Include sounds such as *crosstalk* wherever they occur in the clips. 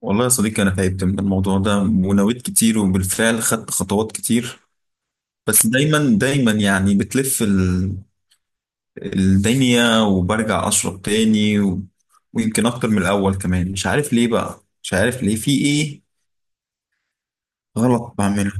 والله يا صديقي، أنا تعبت من الموضوع ده ونويت كتير وبالفعل خدت خطوات كتير. بس دايما دايما يعني بتلف الدنيا وبرجع أشرب تاني ويمكن أكتر من الأول كمان. مش عارف ليه بقى، مش عارف ليه في إيه غلط بعمله.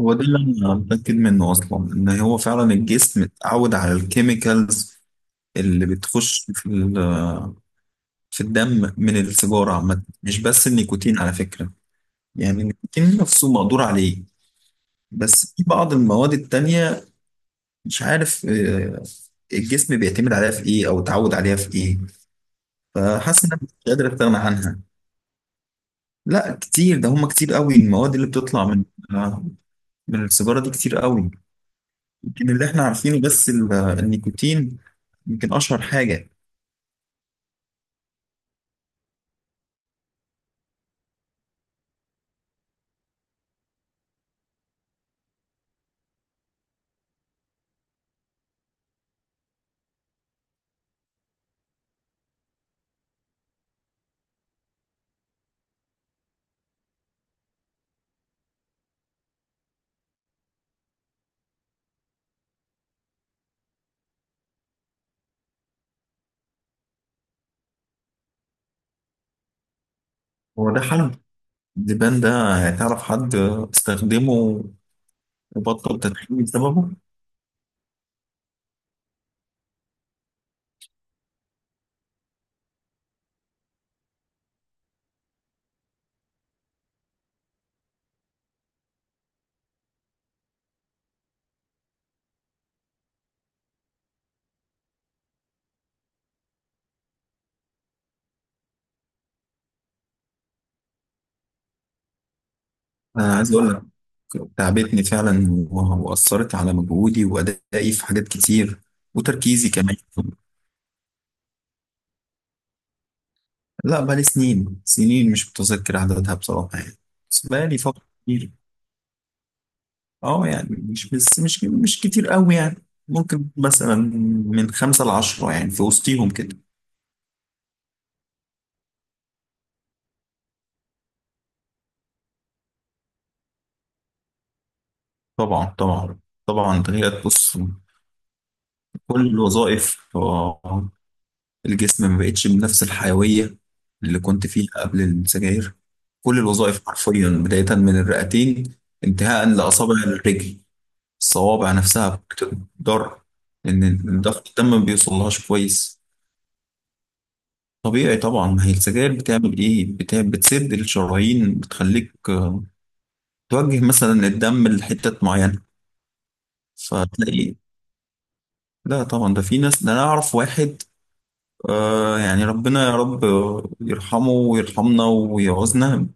هو ده اللي أنا متأكد منه أصلا، إن هو فعلا الجسم اتعود على الكيميكالز اللي بتخش في في الدم من السيجارة عامة، مش بس النيكوتين على فكرة. يعني النيكوتين نفسه مقدور عليه، بس في بعض المواد التانية مش عارف الجسم بيعتمد عليها في ايه او اتعود عليها في ايه. فحاسس ان انا مش قادر استغنى عنها. لا كتير، ده هما كتير قوي المواد اللي بتطلع آه، من السيجارة دي، كتير قوي. يمكن اللي احنا عارفينه بس النيكوتين، يمكن اشهر حاجة. هو ده حل، الدبان ده؟ تعرف حد استخدمه وبطل تدخين بسببه؟ أنا عايز أقول لك، تعبتني فعلا وأثرت على مجهودي وأدائي في حاجات كتير وتركيزي كمان. لا، بقالي سنين سنين، مش متذكر عددها بصراحة يعني. بس بقالي فترة كتير. أه يعني مش بس مش كتير أوي يعني. ممكن مثلا من 5 لـ10، يعني في وسطيهم كده. طبعا طبعا طبعا تغيرت، بص. كل الوظائف الجسم ما بقتش بنفس الحيوية اللي كنت فيها قبل السجاير. كل الوظائف حرفيا، بداية من الرئتين انتهاء لأصابع الرجل. الصوابع نفسها بتضر لأن ضغط الدم ما بيوصلهاش كويس. طبيعي طبعا، ما هي السجاير بتعمل إيه؟ بتسد الشرايين، بتخليك توجه مثلا الدم لحتة معينة، فتلاقي. لا طبعا، ده في ناس. ده أنا أعرف واحد، ربنا يا رب يرحمه ويرحمنا ويعوزنا.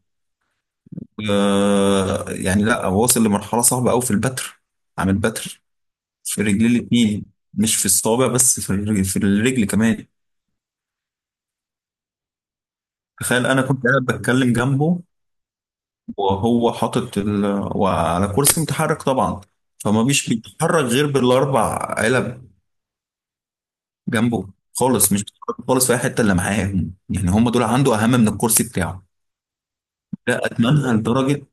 لا، واصل لمرحلة صعبة أوي في البتر. عامل بتر في رجلي الاتنين، مش في الصابع بس، في الرجل, في الرجل كمان. تخيل، انا كنت قاعد بتكلم جنبه وهو حاطط وعلى كرسي متحرك طبعا. فما بيش بيتحرك غير بالاربع علب جنبه. خالص مش بيتحرك خالص في اي حته الا معاهم، يعني هم دول عنده اهم من الكرسي بتاعه. لا، اتمنى لدرجه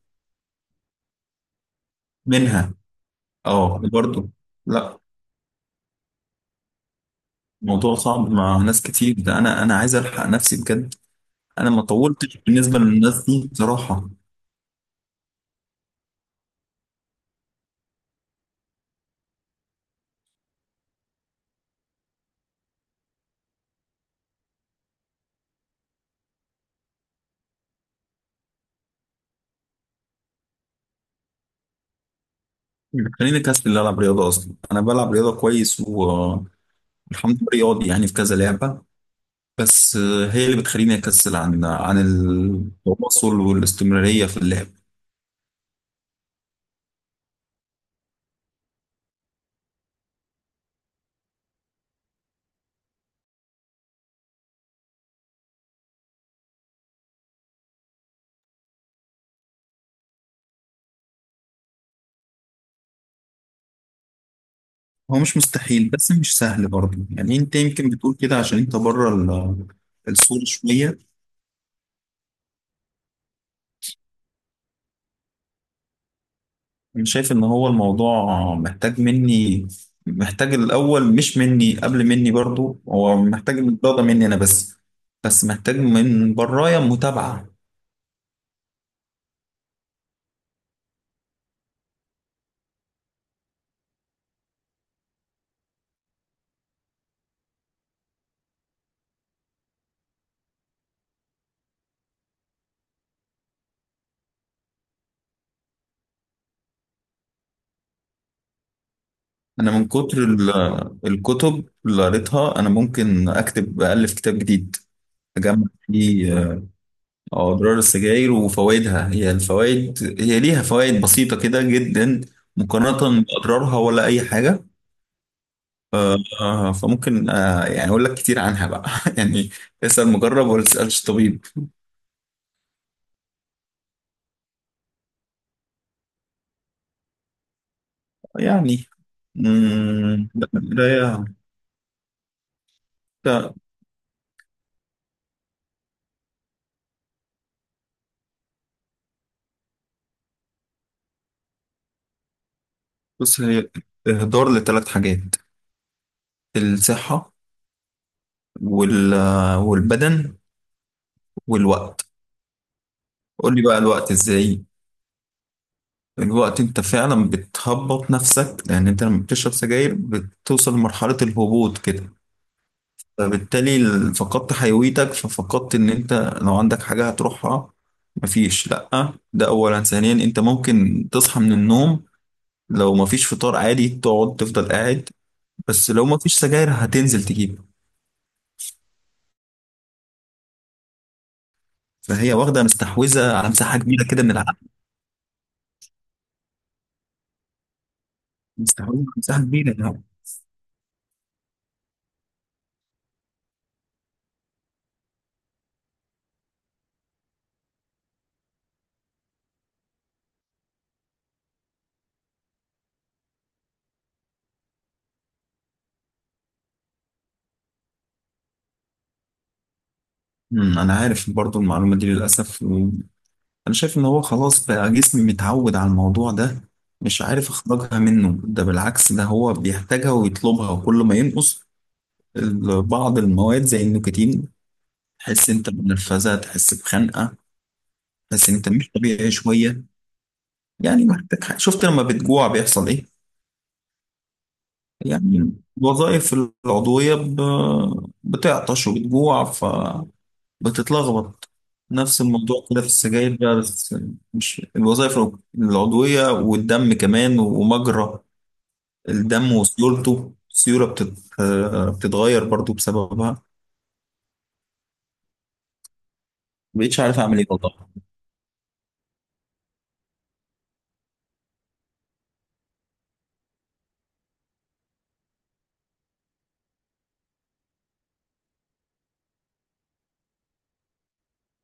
منها. اه برضه، لا، الموضوع صعب مع ناس كتير. ده انا عايز الحق نفسي بجد. انا ما طولتش بالنسبه للناس دي بصراحه. خليني كاس اللي العب رياضه، اصلا انا بلعب رياضه كويس والحمد لله، رياضي يعني في كذا لعبه. بس هي اللي بتخليني اكسل عن التواصل والاستمراريه في اللعب. هو مش مستحيل، بس مش سهل برضه يعني. انت يمكن بتقول كده عشان انت بره الصوره شويه. انا شايف ان هو الموضوع محتاج مني، محتاج الاول مش مني. قبل مني برضه هو محتاج الرياضه مني انا، بس بس محتاج من برايا متابعه. انا من كتر الكتب اللي قريتها، انا ممكن اكتب 1000 كتاب جديد، اجمع فيه اضرار السجاير وفوائدها. هي الفوائد، هي ليها فوائد بسيطه كده جدا مقارنه باضرارها ولا اي حاجه. فممكن يعني اقول لك كتير عنها بقى *laughs* يعني. اسال مجرب ولا تسالش طبيب. يعني مم، لا، القرايه. لا، بص هي اهدار لـ3 حاجات: الصحه والبدن والوقت. قول لي بقى الوقت ازاي. الوقت، انت فعلا بتهبط نفسك لان انت لما بتشرب سجاير بتوصل لمرحلة الهبوط كده. فبالتالي فقدت حيويتك، ففقدت ان انت لو عندك حاجة هتروحها مفيش. لأ، ده اولا. ثانيا، انت ممكن تصحى من النوم لو مفيش فطار عادي تقعد تفضل قاعد، بس لو مفيش سجاير هتنزل تجيب. فهي واخدة مستحوذة على مساحة كبيرة كده من العقل، مستحوذة على مساحة كبيرة يعني. انا عارف برضو المعلومة دي للأسف. انا شايف ان هو خلاص بقى جسمي متعود على الموضوع ده، مش عارف اخرجها منه. ده بالعكس، ده هو بيحتاجها ويطلبها. وكل ما ينقص بعض المواد زي النيكوتين، تحس انت بنرفزه، تحس بخنقه، تحس انت مش طبيعي شويه، يعني محتاج حاجة. شفت لما بتجوع بيحصل ايه؟ يعني الوظائف العضويه بتعطش وبتجوع، بتتلخبط. نفس الموضوع كده في السجاير بقى، بس مش الوظائف العضوية، والدم كمان ومجرى الدم وسيولته. السيولة بتتغير برضو بسببها. مبقتش عارف أعمل إيه والله.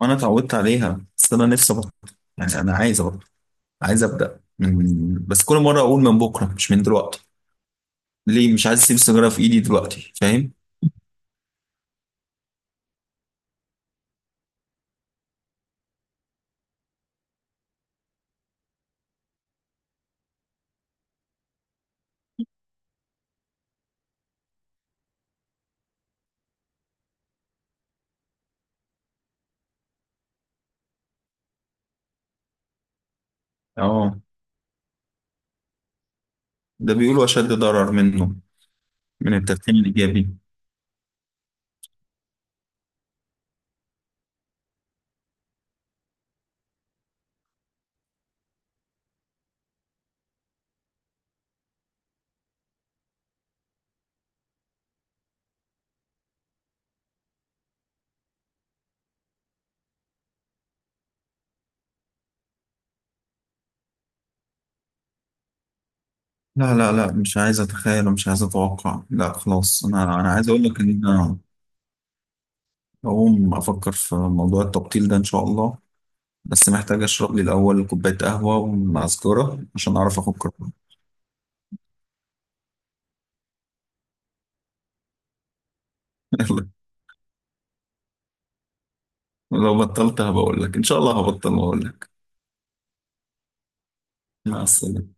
وأنا اتعودت عليها، بس أنا نفسي أبطل، يعني أنا عايز أبطل. عايز أبدأ بس كل مرة أقول من بكرة مش من دلوقتي. ليه مش عايز أسيب السيجارة في إيدي دلوقتي؟ فاهم؟ آه، ده بيقولوا أشد ضرر منه من التدخين الإيجابي. لا لا لا مش عايز اتخيل ومش عايز اتوقع. لا خلاص، انا عايز اقول لك ان انا هقوم افكر في موضوع التبطيل ده ان شاء الله. بس محتاج اشرب لي الاول كوبايه قهوه ومعسكرة عشان اعرف افكر *laughs* يلا، لو بطلت هبقول لك ان شاء الله هبطل واقول لك. مع السلامه.